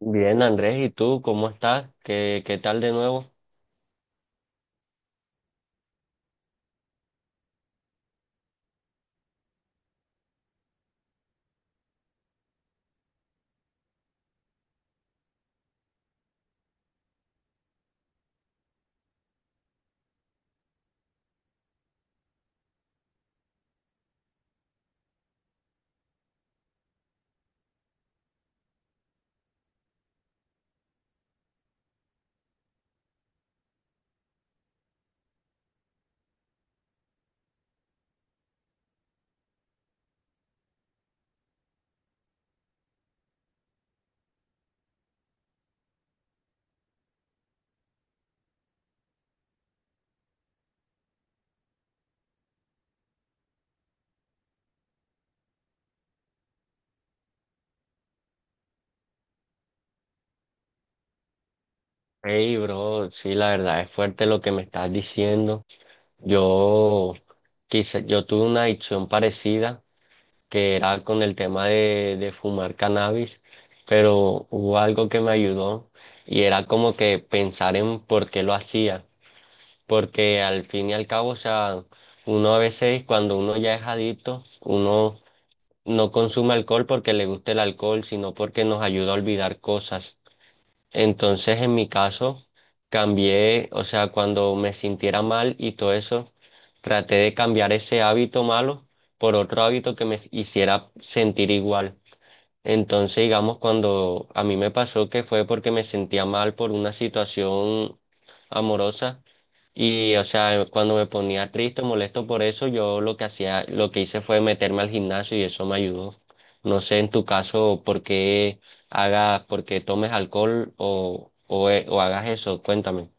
Bien, Andrés, ¿y tú cómo estás? ¿¿Qué tal de nuevo? Hey, bro, sí, la verdad es fuerte lo que me estás diciendo. Yo quizá, yo tuve una adicción parecida que era con el tema de, fumar cannabis, pero hubo algo que me ayudó y era como que pensar en por qué lo hacía, porque al fin y al cabo, o sea, uno a veces cuando uno ya es adicto, uno no consume alcohol porque le gusta el alcohol, sino porque nos ayuda a olvidar cosas. Entonces, en mi caso, cambié, o sea, cuando me sintiera mal y todo eso, traté de cambiar ese hábito malo por otro hábito que me hiciera sentir igual. Entonces, digamos, cuando a mí me pasó que fue porque me sentía mal por una situación amorosa, y, o sea, cuando me ponía triste o molesto por eso, yo lo que hacía, lo que hice fue meterme al gimnasio y eso me ayudó. No sé en tu caso por qué hagas, por qué tomes alcohol o, o hagas eso, cuéntame.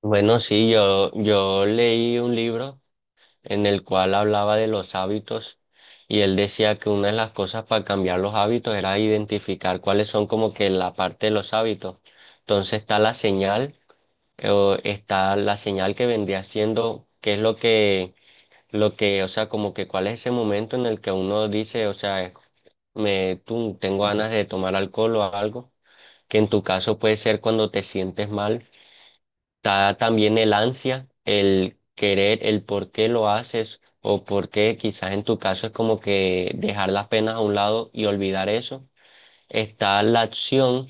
Bueno, sí, yo leí un libro en el cual hablaba de los hábitos y él decía que una de las cosas para cambiar los hábitos era identificar cuáles son como que la parte de los hábitos. Entonces está la señal, o está la señal que vendría siendo, qué es lo que, o sea, como que cuál es ese momento en el que uno dice, o sea, me, tú, tengo ganas de tomar alcohol o algo, que en tu caso puede ser cuando te sientes mal. Está también el ansia, el querer, el por qué lo haces o por qué quizás en tu caso es como que dejar las penas a un lado y olvidar eso. Está la acción,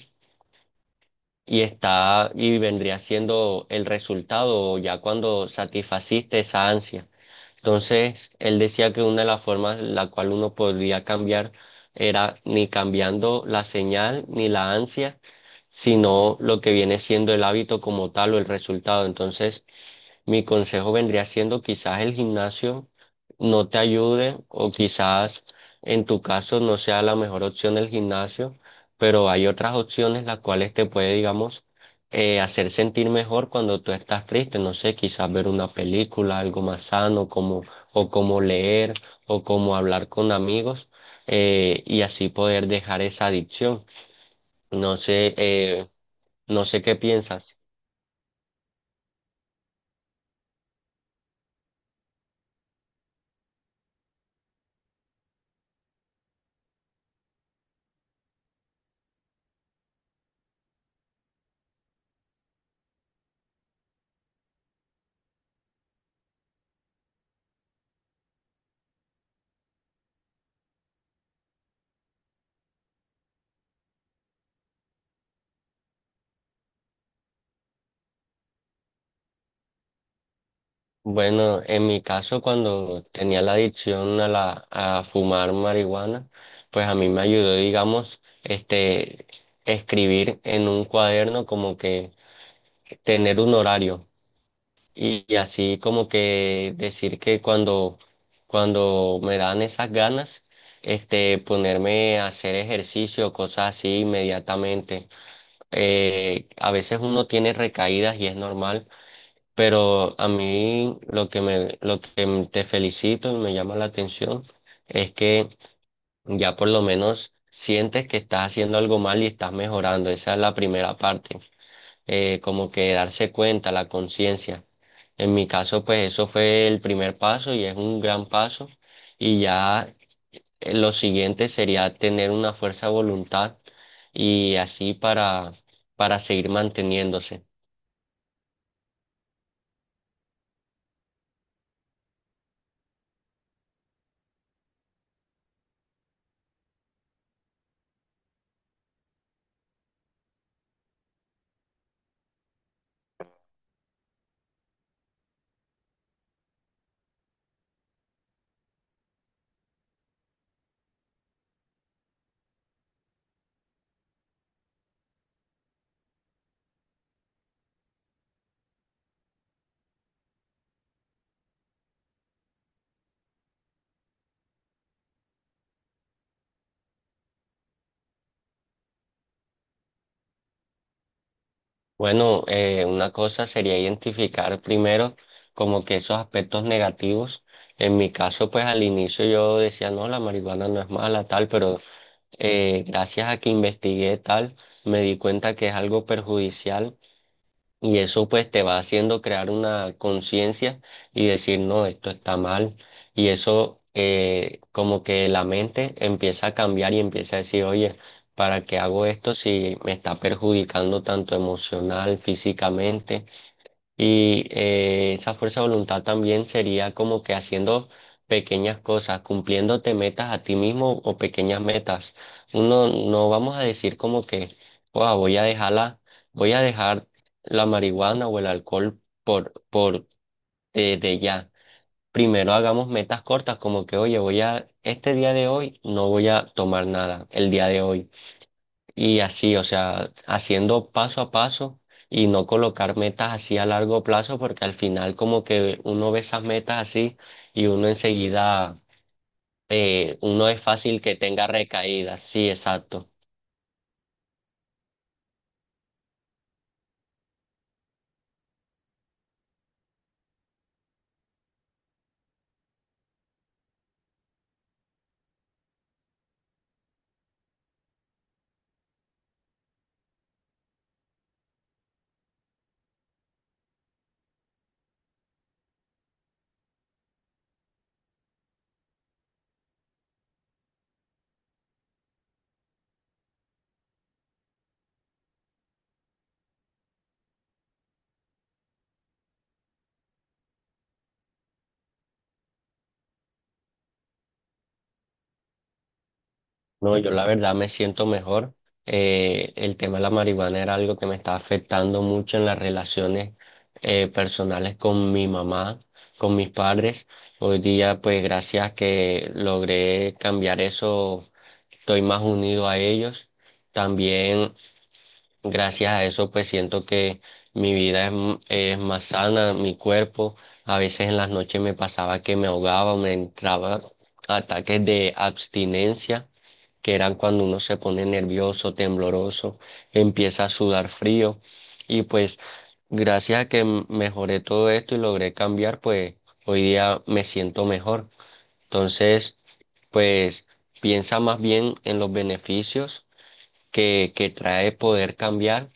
y está, y vendría siendo el resultado ya cuando satisfaciste esa ansia. Entonces, él decía que una de las formas en la cual uno podría cambiar era ni cambiando la señal ni la ansia, sino lo que viene siendo el hábito como tal o el resultado. Entonces, mi consejo vendría siendo quizás el gimnasio no te ayude o quizás en tu caso no sea la mejor opción el gimnasio, pero hay otras opciones las cuales te puede, digamos, hacer sentir mejor cuando tú estás triste. No sé, quizás ver una película, algo más sano, como, o como leer, o como hablar con amigos, y así poder dejar esa adicción. No sé, no sé qué piensas. Bueno, en mi caso, cuando tenía la adicción a la, a fumar marihuana, pues a mí me ayudó, digamos, este, escribir en un cuaderno como que tener un horario y así como que decir que cuando, cuando me dan esas ganas, este, ponerme a hacer ejercicio, cosas así inmediatamente. A veces uno tiene recaídas y es normal, pero a mí lo que me, te felicito y me llama la atención es que ya por lo menos sientes que estás haciendo algo mal y estás mejorando. Esa es la primera parte, como que darse cuenta, la conciencia. En mi caso, pues eso fue el primer paso y es un gran paso. Y ya lo siguiente sería tener una fuerza de voluntad y así para seguir manteniéndose. Bueno, una cosa sería identificar primero como que esos aspectos negativos. En mi caso, pues al inicio yo decía, no, la marihuana no es mala, tal, pero gracias a que investigué tal, me di cuenta que es algo perjudicial y eso pues te va haciendo crear una conciencia y decir, no, esto está mal. Y eso como que la mente empieza a cambiar y empieza a decir, oye, ¿para qué hago esto si me está perjudicando tanto emocional, físicamente? Y esa fuerza de voluntad también sería como que haciendo pequeñas cosas, cumpliéndote metas a ti mismo o pequeñas metas. Uno no vamos a decir como que, "Guau, voy a dejarla, voy a dejar la marihuana o el alcohol por, por de ya". Primero hagamos metas cortas como que, oye, voy a, este día de hoy no voy a tomar nada, el día de hoy, y así, o sea, haciendo paso a paso y no colocar metas así a largo plazo, porque al final como que uno ve esas metas así y uno enseguida, uno es fácil que tenga recaídas, sí, exacto. No, yo la verdad me siento mejor. El tema de la marihuana era algo que me estaba afectando mucho en las relaciones personales con mi mamá, con mis padres. Hoy día, pues gracias que logré cambiar eso, estoy más unido a ellos. También gracias a eso pues siento que mi vida es, es más sana, mi cuerpo. A veces en las noches me pasaba que me ahogaba, me entraba ataques de abstinencia, que eran cuando uno se pone nervioso, tembloroso, empieza a sudar frío. Y pues gracias a que mejoré todo esto y logré cambiar, pues hoy día me siento mejor. Entonces, pues piensa más bien en los beneficios que trae poder cambiar.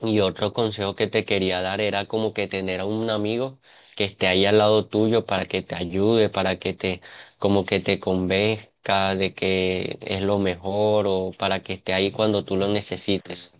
Y otro consejo que te quería dar era como que tener a un amigo que esté ahí al lado tuyo para que te ayude, para que te, como que te convenzca de que es lo mejor o para que esté ahí cuando tú lo necesites.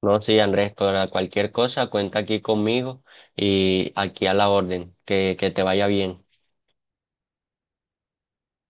No, sí, Andrés, para cualquier cosa cuenta aquí conmigo y aquí a la orden. Que te vaya bien.